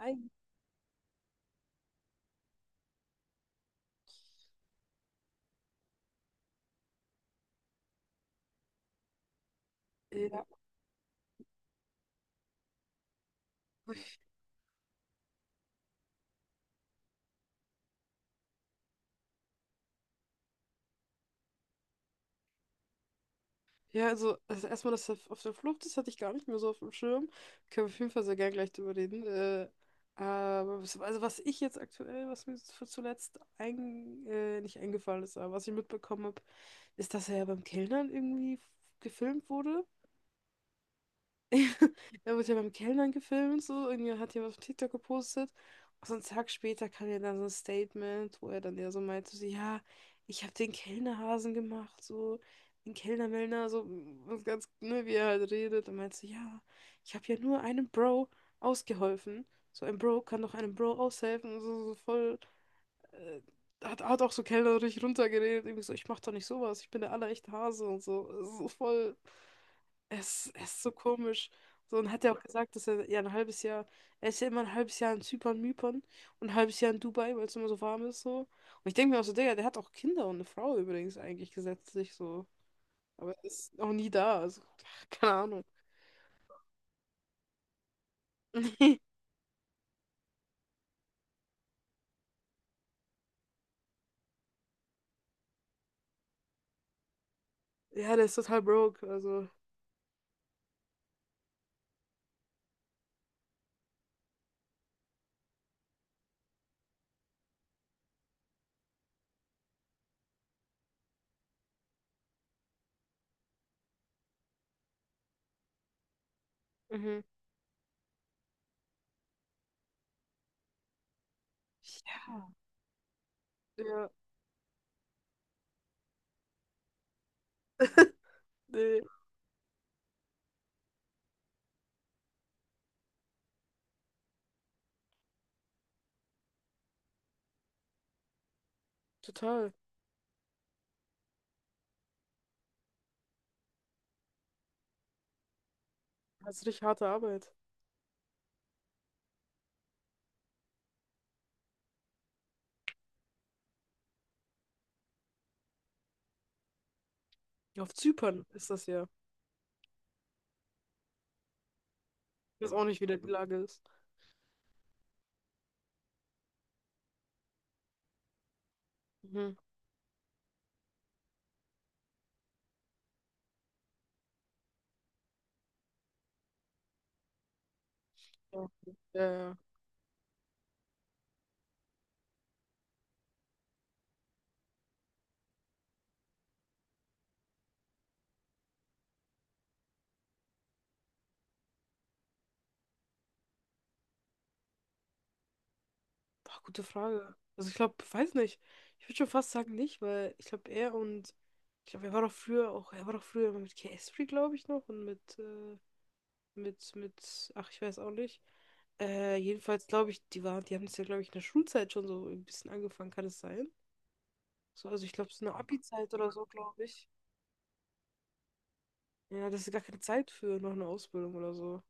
Ei. Ja, ja, also erstmal, dass er auf der Flucht ist, hatte ich gar nicht mehr so auf dem Schirm. Können wir auf jeden Fall sehr gern gleich drüber reden. Aber was ich jetzt aktuell, was mir zuletzt ein, nicht eingefallen ist, aber was ich mitbekommen habe, ist, dass er ja beim Kellnern irgendwie gefilmt wurde. Er wird ja beim Kellnern gefilmt, so. Irgendwie hat jemand auf TikTok gepostet. Und so einen Tag später kam ja dann so ein Statement, wo er dann ja so meinte, so, ja, ich habe den Kellnerhasen gemacht, so. Den Kellnermellner, so was ganz, ne, wie er halt redet. Und meinte so, ja, ich habe ja nur einem Bro ausgeholfen. So ein Bro kann doch einem Bro aushelfen. So, so voll, äh, hat auch so kellnerisch runtergeredet. Irgendwie so, ich mach doch nicht sowas, ich bin der allerechte Hase und so. So voll. Es ist so komisch. So, und hat er auch gesagt, dass er ja ein halbes Jahr, er ist ja immer ein halbes Jahr in Zypern, Mypern, und ein halbes Jahr in Dubai, weil es immer so warm ist, so. Und ich denke mir auch so, Digga, der hat auch Kinder und eine Frau übrigens eigentlich gesetzlich, so. Aber er ist auch nie da, also, keine Ahnung. Ja, der ist total broke, also. Mhm. Ja, nee, total. Das ist richtig harte Arbeit. Ja, auf Zypern ist das ja. Ich weiß auch nicht, wie da die Lage ist. Mhm. Ja. Äh, Boah, gute Frage. Also ich glaube, weiß nicht. Ich würde schon fast sagen nicht, weil ich glaube, er und ich glaube, er war doch früher auch, er war doch früher immer mit K-Esprit, glaube ich, noch und mit, ach, ich weiß auch nicht. Jedenfalls glaube ich, die waren, die haben es ja, glaube ich, in der Schulzeit schon so ein bisschen angefangen, kann es sein? So, also ich glaube, es ist eine Abi-Zeit oder so, glaube ich. Ja, das ist gar keine Zeit für noch eine Ausbildung oder so.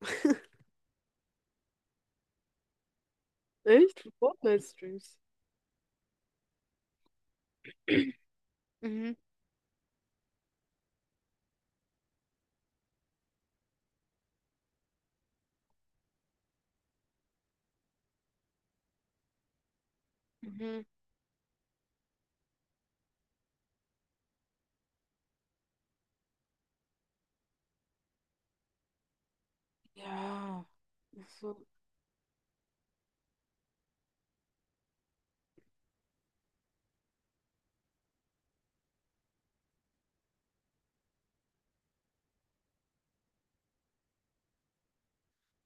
Echt? Für Fortnite-Streams. Mhm. Mhm. Ja, ach so.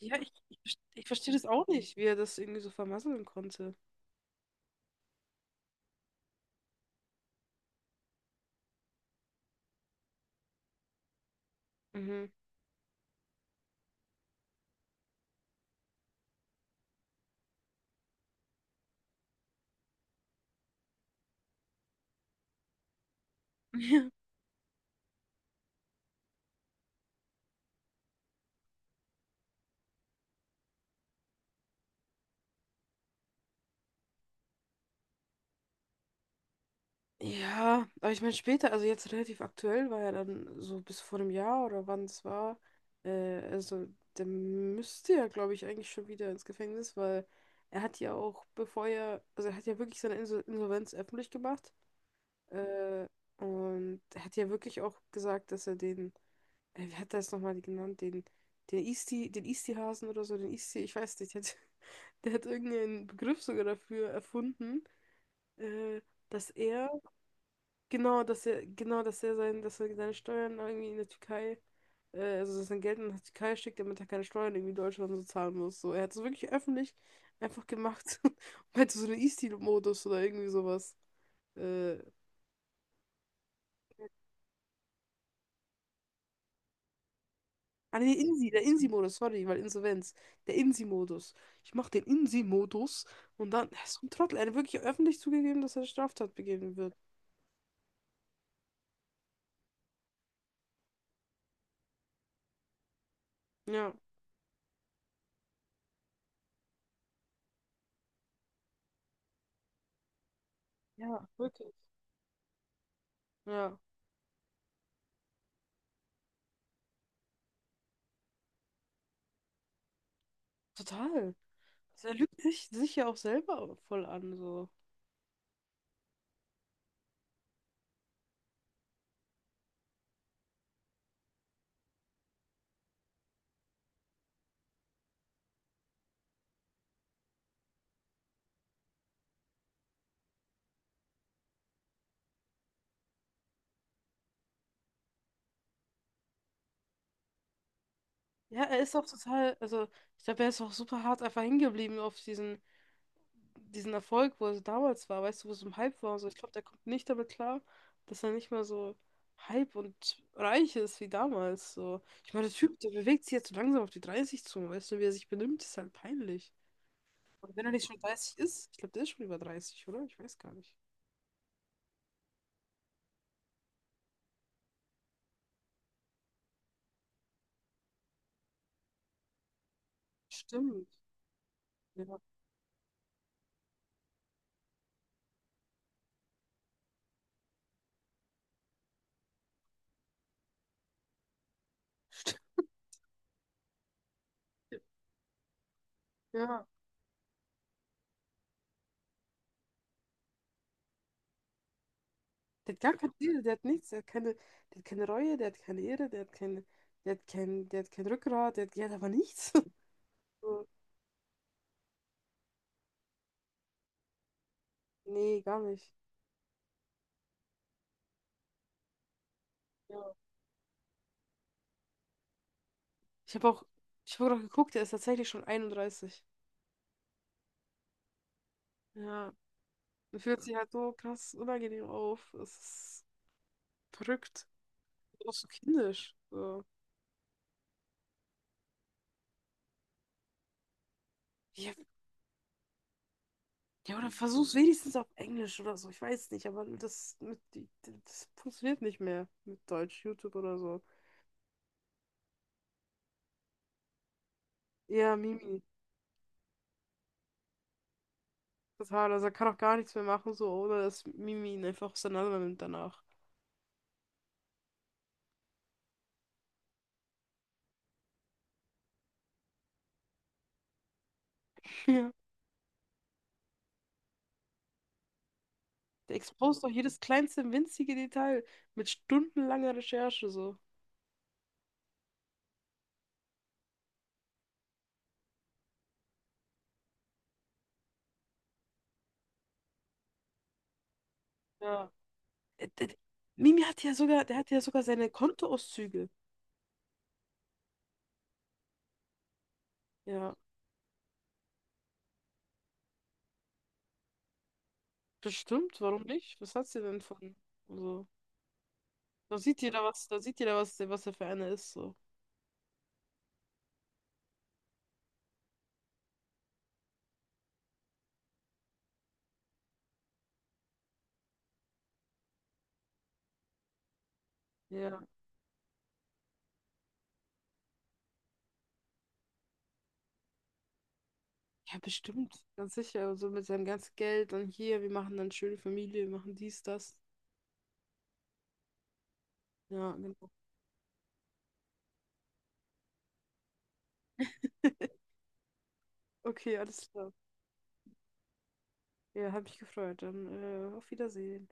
Ja, ich verstehe das auch nicht, wie er das irgendwie so vermasseln konnte. Mhm. Ja, aber ich meine später, also jetzt relativ aktuell war ja dann so bis vor einem Jahr oder wann es war, also der müsste ja, glaube ich, eigentlich schon wieder ins Gefängnis, weil er hat ja auch, bevor er, also er hat ja wirklich seine Insolvenz öffentlich gemacht. Äh, und er hat ja wirklich auch gesagt, dass er den, wie hat er es nochmal genannt, den Isti, den Isti-Hasen oder so, den Isti, ich weiß nicht, der hat, der hat irgendeinen Begriff sogar dafür erfunden, äh, dass er, genau, genau, dass er seine Steuern irgendwie in der Türkei, also dass sein Geld in die Türkei schickt, damit er keine Steuern irgendwie in Deutschland so zahlen muss. So, er hat es wirklich öffentlich einfach gemacht und meinte so einen Isti-Modus oder irgendwie sowas. Äh, Ah, nee, Insi, der Insi-Modus, sorry, weil Insolvenz. Der Insi-Modus. Ich mach den Insi-Modus und dann, er ist so ein Trottel, er hat wirklich öffentlich zugegeben, dass er eine Straftat begehen wird. Ja, ja, wirklich, ja, total. Also er lügt sich ja auch selber voll an, so. Ja, er ist auch total, also, ich glaube, er ist auch super hart einfach hingeblieben auf diesen Erfolg, wo er so damals war, weißt du, wo es im Hype war und so. Ich glaube, der kommt nicht damit klar, dass er nicht mehr so Hype und reich ist wie damals. So. Ich meine, der Typ, der bewegt sich jetzt so langsam auf die 30 zu, weißt du, wie er sich benimmt, ist halt peinlich. Und wenn er nicht schon dreißig ist, ich glaube, der ist schon über 30, oder? Ich weiß gar nicht. Stimmt. Ja, stimmt. Ja. Der hat gar keine Seele, der hat nichts, der hat keine Reue, der hat keine Ehre, der hat keine, der hat kein Rückgrat, der hat aber nichts. So. Nee, gar nicht. Ja. Ich habe auch, ich habe auch geguckt, er ist tatsächlich schon 31. Ja, er fühlt sich halt so krass unangenehm auf. Es ist verrückt. Auch so kindisch. So. Ja, ja, oder versuch's wenigstens auf Englisch oder so. Ich weiß nicht, aber das funktioniert nicht mehr mit Deutsch, YouTube oder so. Ja, Mimi. Total. Also er kann auch gar nichts mehr machen, so, ohne dass Mimi ihn einfach auseinander nimmt danach. Ja. Der expost doch jedes kleinste, winzige Detail mit stundenlanger Recherche, so. Ja. Äh, d- d- Mimi hat ja sogar, der hat ja sogar seine Kontoauszüge. Ja, bestimmt, warum nicht? Was hat sie denn von? Also, da sieht jeder was, da sieht jeder was, was er für einer ist, so. Ja. Ja, bestimmt, ganz sicher. Also mit seinem ganzen Geld und hier, wir machen dann schöne Familie, wir machen dies, das. Ja, genau. Okay, alles klar. Ja, hat mich gefreut. Dann auf Wiedersehen.